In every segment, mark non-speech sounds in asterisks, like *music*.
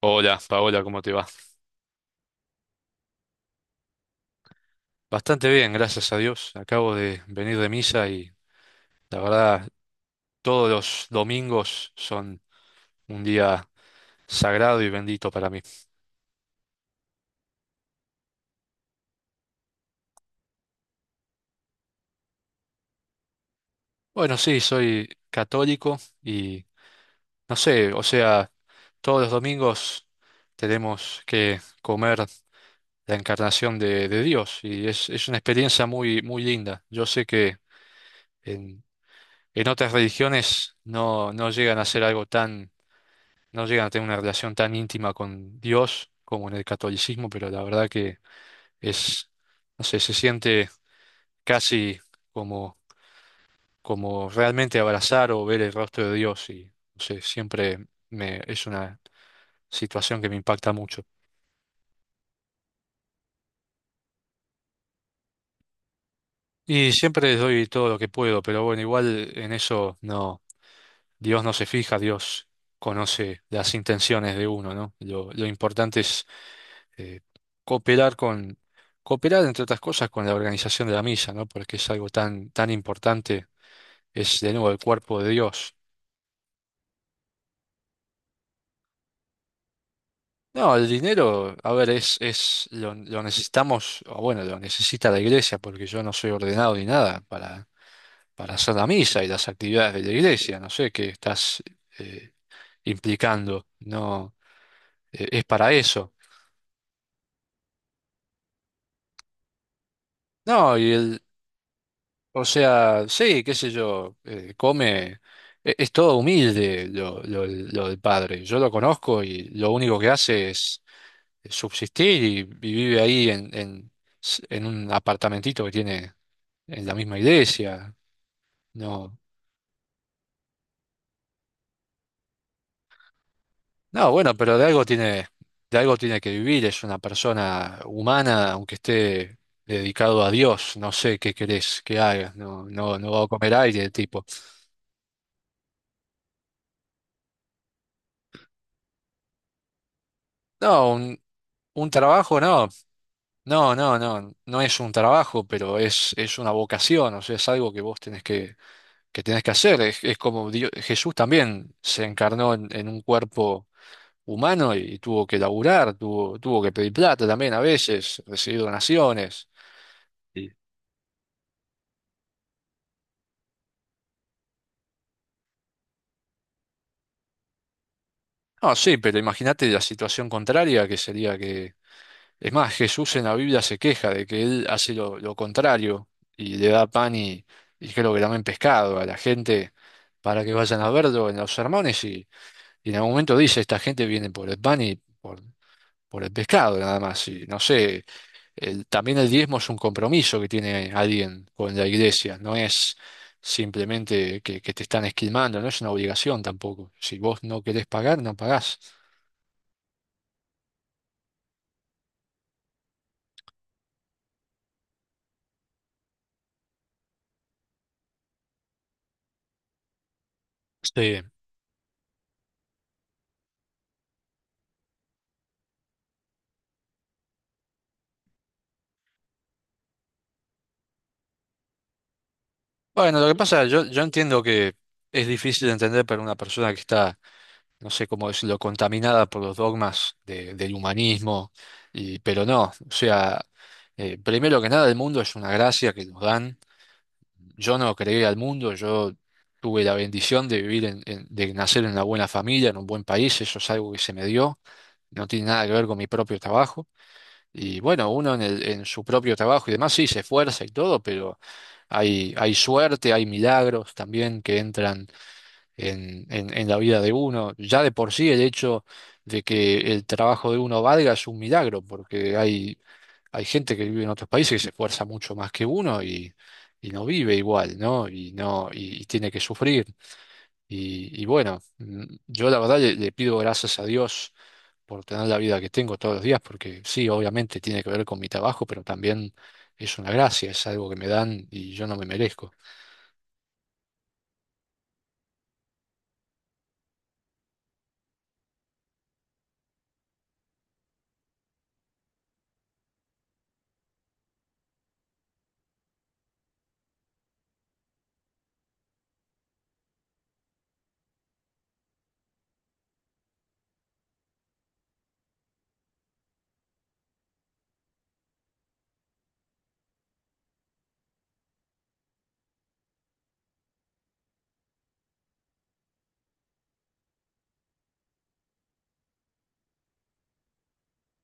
Hola, Paola, ¿cómo te va? Bastante bien, gracias a Dios. Acabo de venir de misa y la verdad, todos los domingos son un día sagrado y bendito para mí. Bueno, sí, soy católico y no sé, o sea, todos los domingos tenemos que comer la encarnación de Dios y es una experiencia muy, muy linda. Yo sé que en, en otras religiones no llegan a ser algo tan no llegan a tener una relación tan íntima con Dios como en el catolicismo, pero la verdad que es, no sé, se siente casi como, como realmente abrazar o ver el rostro de Dios y, no sé, siempre me, es una situación que me impacta mucho. Y siempre les doy todo lo que puedo, pero bueno, igual en eso no, Dios no se fija, Dios conoce las intenciones de uno, ¿no? Lo importante es eh, cooperar con, cooperar entre otras cosas con la organización de la misa, ¿no? Porque es algo tan, tan importante, es de nuevo el cuerpo de Dios. No, el dinero, a ver, lo necesitamos, o bueno, lo necesita la iglesia, porque yo no soy ordenado ni nada para, para hacer la misa y las actividades de la iglesia, no sé qué estás eh, implicando, no, es para eso. No, y el. O sea, sí, qué sé yo, come, es, todo humilde lo del padre. Yo lo conozco y lo único que hace es subsistir y vive ahí en un apartamentito que tiene en la misma iglesia. No, no, bueno, pero de algo tiene que vivir, es una persona humana, aunque esté dedicado a Dios, no sé qué querés que haga, no, no, no va a comer aire el tipo. No, un trabajo no. No, no, no, no es un trabajo, pero es una vocación, o sea, es algo que vos tenés que tenés que hacer. Es como Dios- Jesús también se encarnó en un cuerpo humano y, tuvo que laburar, tuvo, tuvo que pedir plata también a veces, recibir donaciones. Sí. No, sí, pero imagínate la situación contraria que sería que, es más, Jesús en la Biblia se queja de que él hace lo contrario y le da pan y creo que también pescado a la gente para que vayan a verlo en los sermones. Y en algún momento dice, esta gente viene por el pan y por, por el pescado nada más. Y no sé, también el diezmo es un compromiso que tiene alguien con la iglesia, no es simplemente que te están esquilmando, no es una obligación tampoco. Si vos no querés pagar, no pagás. Sí. Bueno, lo que pasa, yo entiendo que es difícil de entender para una persona que está, no sé cómo decirlo, contaminada por los dogmas del humanismo, y, pero no, o sea, primero que nada el mundo es una gracia que nos dan. Yo no creé al mundo, yo tuve la bendición de vivir en, de nacer en una buena familia, en un buen país, eso es algo que se me dio, no tiene nada que ver con mi propio trabajo. Y bueno, uno en en su propio trabajo y demás sí se esfuerza y todo, pero hay suerte, hay milagros también que entran en la vida de uno. Ya de por sí el hecho de que el trabajo de uno valga es un milagro, porque hay hay gente que vive en otros países que se esfuerza mucho más que uno y no vive igual, ¿no? Y no, y tiene que sufrir. Y bueno, yo la verdad le, le pido gracias a Dios por tener la vida que tengo todos los días, porque sí, obviamente tiene que ver con mi trabajo, pero también es una gracia, es algo que me dan y yo no me merezco.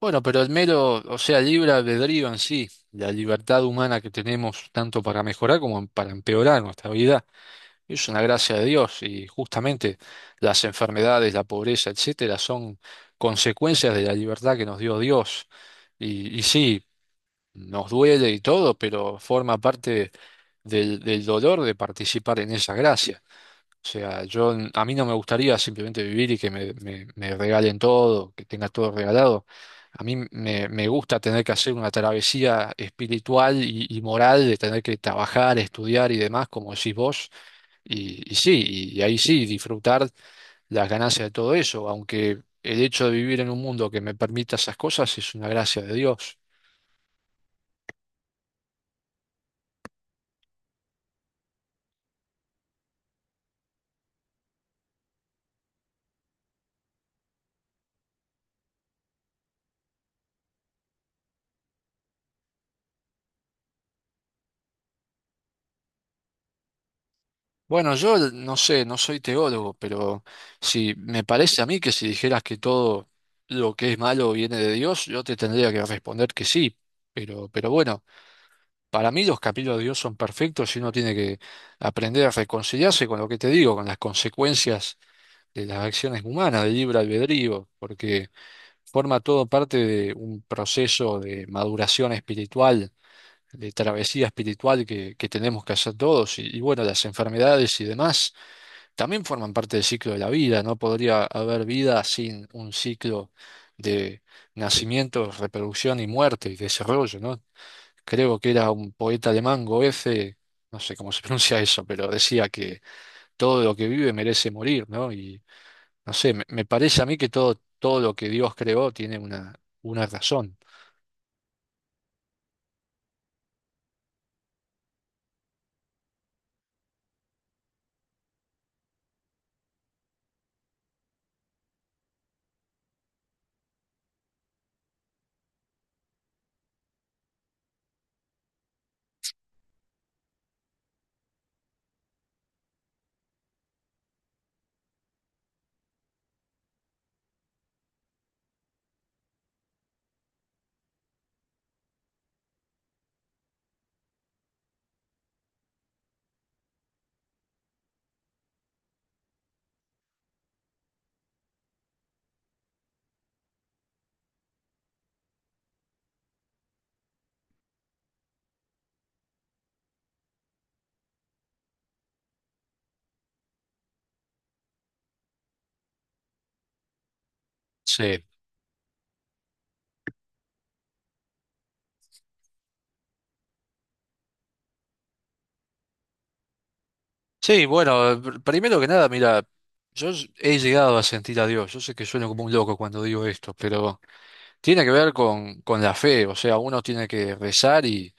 Bueno, pero el mero, o sea, el libre albedrío en sí, la libertad humana que tenemos tanto para mejorar como para empeorar nuestra vida. Es una gracia de Dios y justamente las enfermedades, la pobreza, etcétera, son consecuencias de la libertad que nos dio Dios. Y sí, nos duele y todo, pero forma parte del dolor de participar en esa gracia. O sea, a mí no me gustaría simplemente vivir y que me, me regalen todo, que tenga todo regalado. A mí me, me gusta tener que hacer una travesía espiritual y moral de tener que trabajar, estudiar y demás, como decís vos y sí, y, ahí sí, disfrutar las ganancias de todo eso, aunque el hecho de vivir en un mundo que me permita esas cosas es una gracia de Dios. Bueno, yo no sé, no soy teólogo, pero si me parece a mí que si dijeras que todo lo que es malo viene de Dios, yo te tendría que responder que sí. Pero bueno, para mí los capítulos de Dios son perfectos y uno tiene que aprender a reconciliarse con lo que te digo, con las consecuencias de las acciones humanas, del libre albedrío, porque forma todo parte de un proceso de maduración espiritual, de travesía espiritual que tenemos que hacer todos. Y bueno, las enfermedades y demás también forman parte del ciclo de la vida. No podría haber vida sin un ciclo de nacimiento, reproducción y muerte y desarrollo, ¿no? Creo que era un poeta alemán, Goethe, no sé cómo se *laughs* pronuncia eso, pero decía que todo lo que vive merece morir, ¿no? No sé, me parece a mí que todo, todo lo que Dios creó tiene una razón. Sí. Sí, bueno, primero que nada, mira, he llegado a sentir a Dios. Yo sé que sueno como un loco cuando digo esto, pero tiene que ver con la fe. O sea, uno tiene que rezar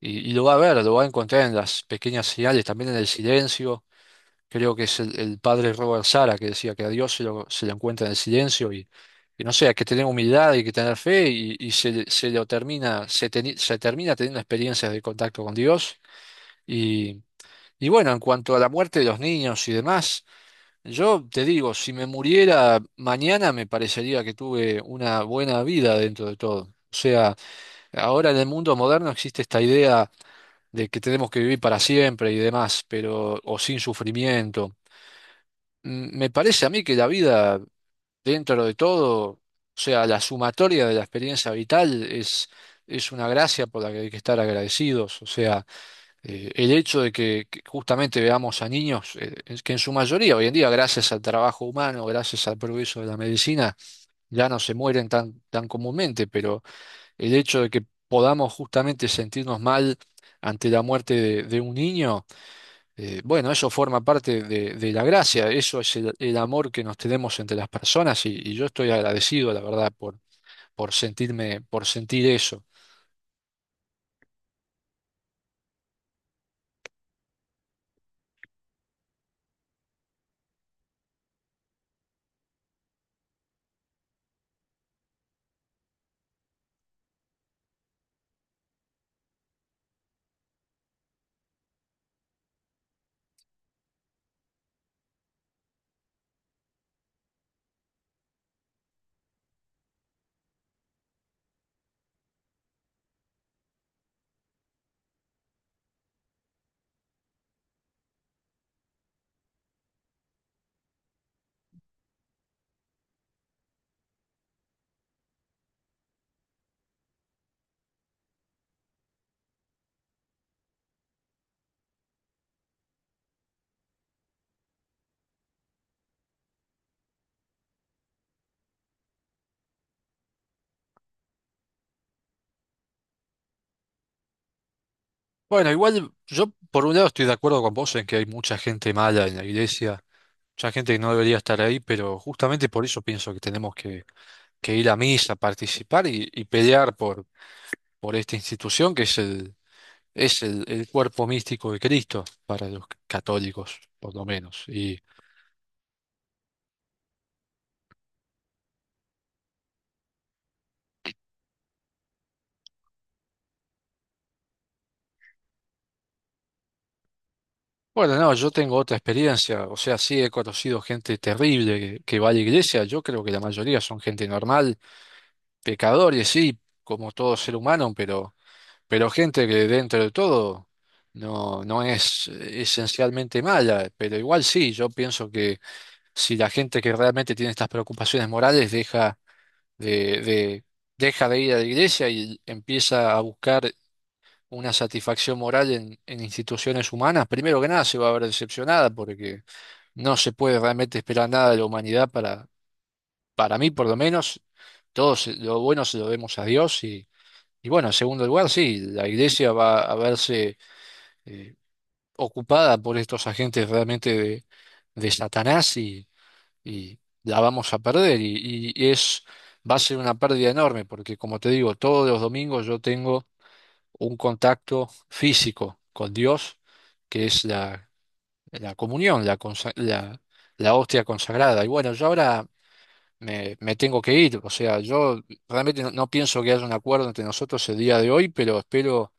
y lo va a ver, lo va a encontrar en las pequeñas señales, también en el silencio. Creo que es el padre Robert Sara que decía que a Dios se se lo encuentra en el silencio y no sé, hay que tener humildad, hay que tener fe y se, se lo termina, se, se termina teniendo experiencias de contacto con Dios. Y, y bueno, en cuanto a la muerte de los niños y demás, yo te digo, si me muriera mañana me parecería que tuve una buena vida dentro de todo. O sea, ahora en el mundo moderno existe esta idea de que tenemos que vivir para siempre y demás, pero o sin sufrimiento. Me parece a mí que la vida, dentro de todo, o sea, la sumatoria de la experiencia vital es una gracia por la que hay que estar agradecidos. O sea, el hecho de que justamente veamos a niños, es que en su mayoría hoy en día, gracias al trabajo humano, gracias al progreso de la medicina, ya no se mueren tan, tan comúnmente, pero el hecho de que podamos justamente sentirnos mal ante la muerte de un niño, bueno, eso forma parte de la gracia, eso es el amor que nos tenemos entre las personas y yo estoy agradecido, la verdad, por sentirme, por sentir eso. Bueno, igual yo por un lado estoy de acuerdo con vos en que hay mucha gente mala en la iglesia, mucha gente que no debería estar ahí, pero justamente por eso pienso que tenemos que ir a misa, participar y pelear por esta institución que es el cuerpo místico de Cristo para los católicos, por lo menos. Y, bueno, no, yo tengo otra experiencia, o sea, sí he conocido gente terrible que va a la iglesia, yo creo que la mayoría son gente normal, pecadores, sí, como todo ser humano, pero gente que dentro de todo no, no es esencialmente mala, pero igual sí, yo pienso que si la gente que realmente tiene estas preocupaciones morales deja de, de, deja de ir a la iglesia y empieza a buscar una satisfacción moral en instituciones humanas, primero que nada se va a ver decepcionada porque no se puede realmente esperar nada de la humanidad para mí por lo menos, todos lo bueno se lo debemos a Dios y bueno, en segundo lugar, sí, la iglesia va a verse eh, ocupada por estos agentes realmente de Satanás y la vamos a perder y es... Va a ser una pérdida enorme porque, como te digo, todos los domingos yo tengo un contacto físico con Dios, que es la, la comunión, la, la, la hostia consagrada. Y bueno, yo ahora me, me tengo que ir, o sea, yo realmente no, no pienso que haya un acuerdo entre nosotros el día de hoy, pero espero,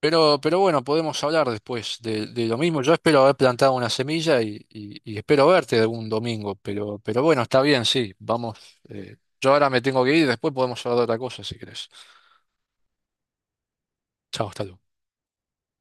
pero bueno, podemos hablar después de lo mismo. Yo espero haber plantado una semilla y, y espero verte algún domingo, pero bueno, está bien, sí, vamos. eh, yo ahora me tengo que ir, después podemos hablar de otra cosa si querés. Chao, hasta luego.